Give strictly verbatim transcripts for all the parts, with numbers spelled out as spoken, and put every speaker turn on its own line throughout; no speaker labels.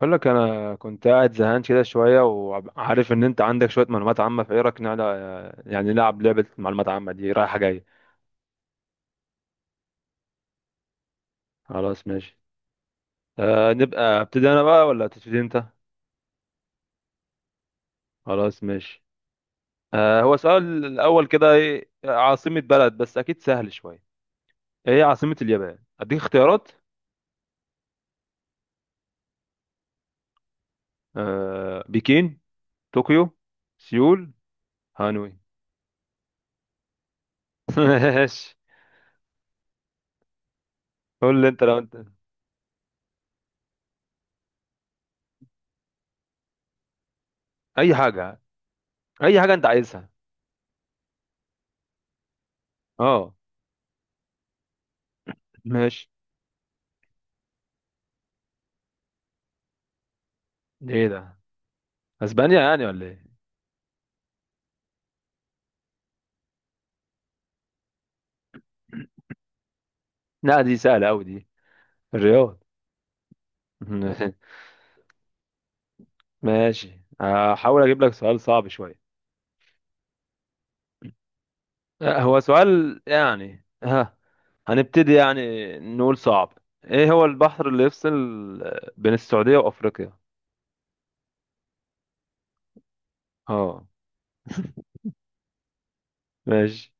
بقول لك انا كنت قاعد زهقان كده شويه، وعارف ان انت عندك شويه معلومات عامه، فايه رايك نلعب؟ يعني نلعب لعبه معلومات عامه دي رايحه جايه. خلاص ماشي. آه نبقى ابتدي انا بقى ولا تبتدي انت؟ خلاص ماشي. آه هو سؤال الاول كده ايه؟ عاصمه بلد، بس اكيد سهل شويه. ايه عاصمه اليابان؟ اديك اختيارات. آه بكين، طوكيو، سيول، هانوي. ماشي. قول لي انت لو انت. اي حاجه. اي حاجه انت عايزها. اه ماشي. ايه ده؟ اسبانيا يعني ولا ايه؟ لا دي سهله قوي دي. الرياض. ماشي. هحاول اجيب لك سؤال صعب شويه. آه، هو سؤال، يعني ها، هنبتدي يعني، نقول صعب. ايه هو البحر اللي يفصل، آه، بين السعودية وافريقيا؟ اه ماشي.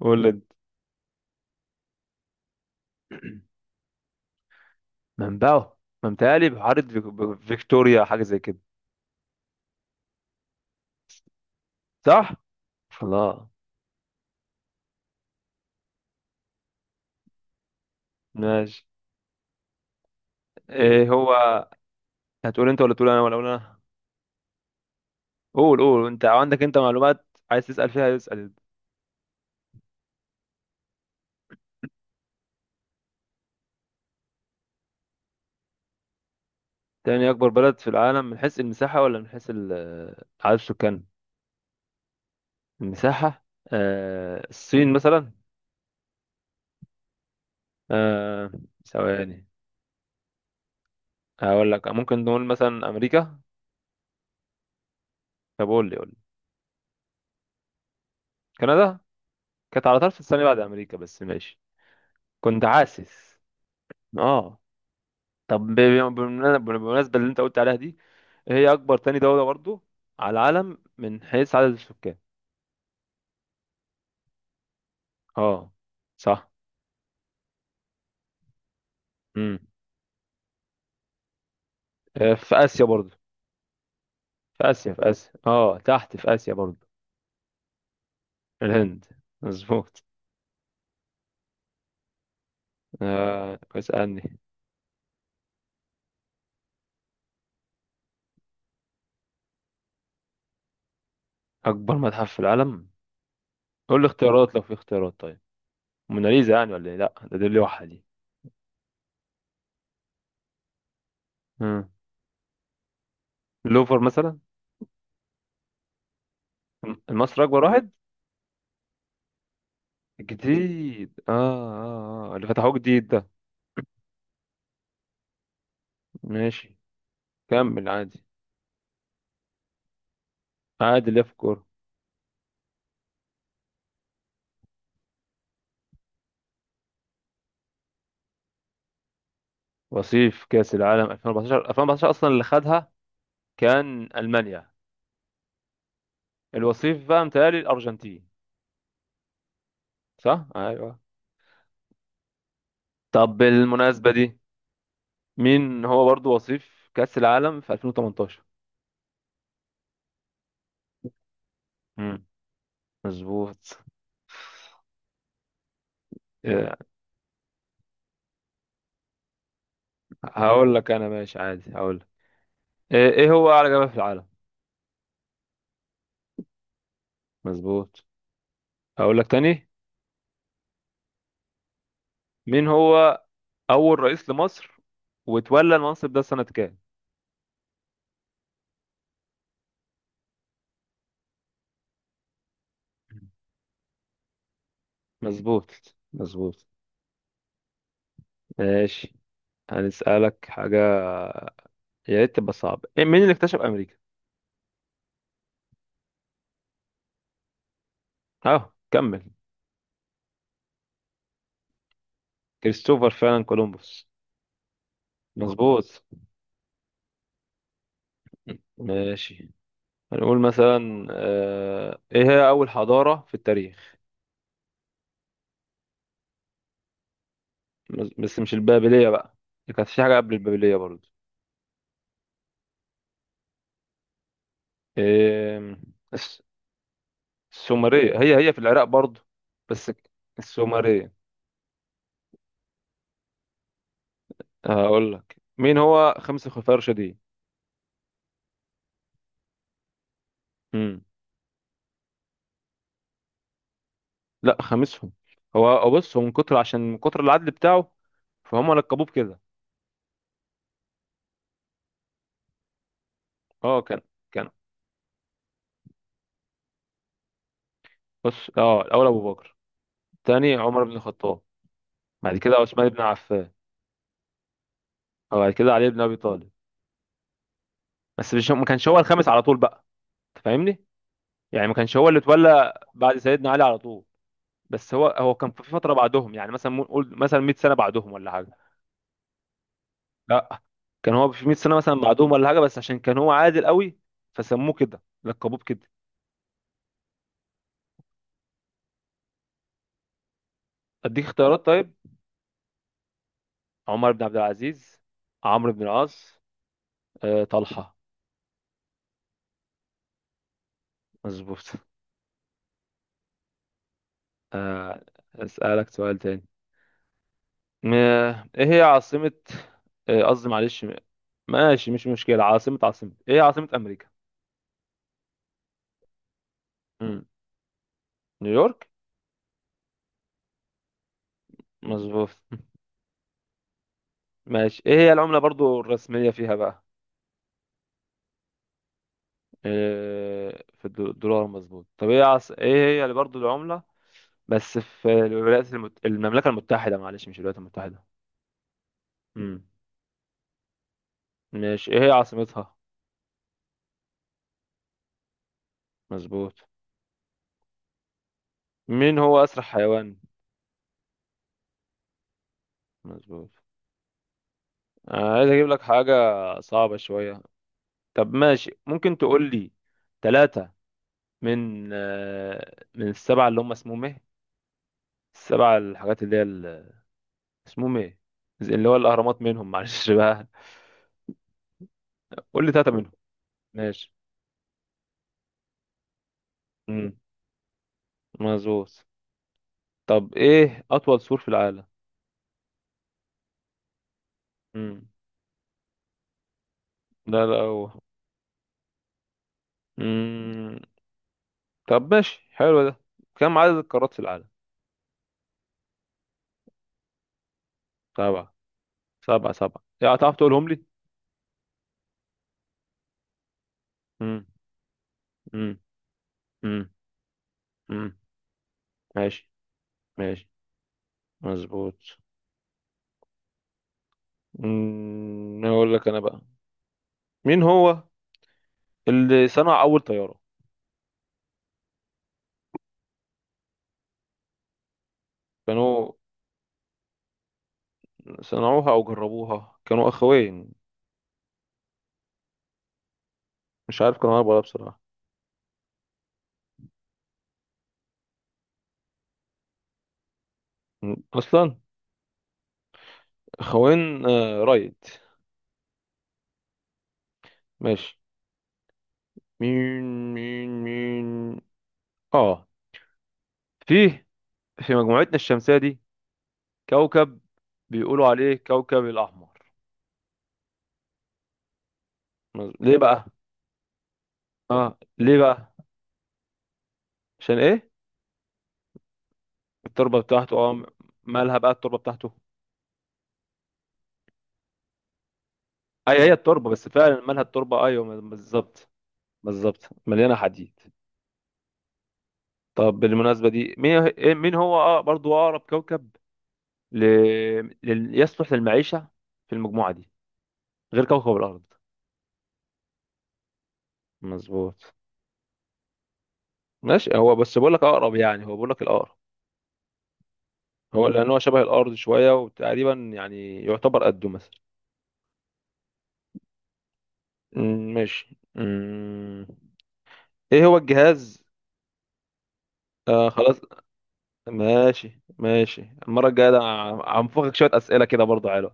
قول لي انت. منبعه؟ ما متهيألي بحيرة فيك- ب- فيكتوريا، حاجة زي كده. صح. الله. ماشي. ايه هو؟ هتقول انت ولا تقول انا ولا اقول انا؟ قول، قول انت، عندك انت معلومات، عايز تسأل فيها اسأل. تاني اكبر بلد في العالم. من حيث المساحة ولا من حيث ال- آه، عدد السكان؟ المساحة. آه الصين مثلا. آه ثواني. هقول لك، ممكن نقول مثلا امريكا. طب قول لي قول لي. كندا كانت على طرف الثانية بعد امريكا، بس ماشي. كنت حاسس. اه. طب ب- ب- بالمنا- بالمناسبة اللي انت قلت عليها دي، هي اكبر تاني دولة برضو على العالم من حيث عدد السكان. اه صح. امم. في اسيا برضو. في آسيا، في آسيا، اه تحت في آسيا برضو. الهند. مظبوط. آه اسألني. أكبر متحف في العالم؟ قول لي اختيارات لو في اختيارات طيب. موناليزا يعني ولا ايه؟ لا ده، دي لوحة دي. مم. اللوفر مثلا. مصر أكبر واحد. جديد، اه اه اه، اللي فتحوه جديد ده. ماشي. كمل عادي. عادي اللي في الكورة. وصيف كأس العالم ألفين واربعتاشر؟ ألفين واربعتاشر أصلا اللي خدها كان ألمانيا. الوصيف بقى متهيألي الأرجنتين. صح؟ أيوه. طب بالمناسبة دي، مين هو برضو وصيف كأس العالم في ألفين وتمنتاشر؟ مم. مظبوط. إيه، هقول لك انا ماشي عادي هقول لك. ايه إيه هو اعلى جبل في العالم؟ مظبوط. هقول لك تاني. مين هو اول رئيس لمصر، وتولى المنصب ده سنة كام؟ مظبوط مظبوط. ماشي. هنسألك حاجة، يا ريت تبقى صعبة. إيه، مين اللي اكتشف امريكا؟ اه كمل. كريستوفر فعلا، كولومبوس. مظبوط. ماشي. هنقول مثلا، آه، ايه هي اول حضارة في التاريخ؟ بس مش البابلية بقى، كانت في حاجة قبل البابلية برضو. آم، الس- السومرية. هي هي في العراق برضو، بس السومرية. هقول لك، مين هو خمسة خلفاء راشدين؟ مم. لا خامسهم. هو هو بص، هو من كتر عشان من كتر العدل بتاعه فهم لقبوه بكده. اه كان، كان، بص. اه الاول ابو بكر، الثاني عمر بن الخطاب، بعد كده عثمان بن عفان، وبعد كده علي بن ابي طالب. بس مش، ما كانش هو الخامس على طول بقى، انت فاهمني؟ يعني ما كانش هو اللي اتولى بعد سيدنا علي على طول. بس هو هو كان في فتره بعدهم، يعني مثلا مو- قول مثلا مية سنه بعدهم ولا حاجه. لا، كان هو في مية سنه مثلا بعدهم ولا حاجه، بس عشان كان هو عادل قوي فسموه كده، لقبوه كده. اديك اختيارات طيب. عمر بن عبد العزيز، عمرو بن العاص، آه، طلحه. مظبوط. آه، اسالك سؤال تاني. م- ايه هي عاصمه، آه، قصدي معلش، ماشي مش مشكله، عاصمه، عاصمه. ايه هي عاصمه امريكا؟ مم. نيويورك. مظبوط. ماشي. ايه هي العملة برضو الرسمية فيها بقى؟ إيه، في الدو- الدولار. مظبوط. طب ايه عص... ايه هي اللي برضو العملة، بس في الولايات المت... المملكة المتحدة، معلش مش الولايات المتحدة. امم. ماشي. ايه هي عاصمتها؟ مظبوط. مين هو أسرع حيوان؟ مظبوط. أنا عايز اجيب لك حاجة صعبة شوية. طب ماشي، ممكن تقول لي ثلاثة من آه، من السبعة اللي هم اسمهم ايه؟ السبعة الحاجات اللي هي اسمهم ايه؟ زي اللي هو الاهرامات منهم، معلش بقى. قول لي ثلاثه منهم. ماشي. امم. مظبوط. طب ايه اطول سور في العالم؟ امم. لا لا هو. امم. طب ماشي حلو ده. كم عدد القارات في العالم؟ سبعة؟ سبعة سبعة، يعني هتعرف تقولهم لي؟ امم. امم. امم. امم. ماشي. ماشي. مظبوط. امم. اقول لك انا بقى. مين هو اللي صنع اول طيارة؟ كانوا صنعوها او جربوها، كانوا اخوين. مش عارف كانوا اربعة ولا، بصراحة اصلا. خوين، آه رايد. ماشي. مين مين مين؟ اه فيه، في مجموعتنا الشمسية دي كوكب بيقولوا عليه كوكب الاحمر. ليه بقى؟ اه ليه بقى؟ عشان ايه؟ التربة بتاعته؟ اه مالها بقى التربة بتاعته؟ اي هي التربة، بس فعلا مالها التربة؟ ايوه بالظبط. بالظبط، مليانة حديد. طب بالمناسبة دي، مين إيه- مين هو اه برضو اقرب كوكب ل... لل... يصلح للمعيشة في المجموعة دي غير كوكب الارض؟ مظبوط. ماشي، هو بس بقول لك اقرب، يعني هو بقول لك الاقرب. هو لان هو شبه الارض شويه، وتقريبا يعني يعتبر قده مثلا. أمم، ماشي. أمم، ايه هو الجهاز؟ آه خلاص. ماشي ماشي. المره الجايه ده هنفخك شويه اسئله كده برضه، حلو.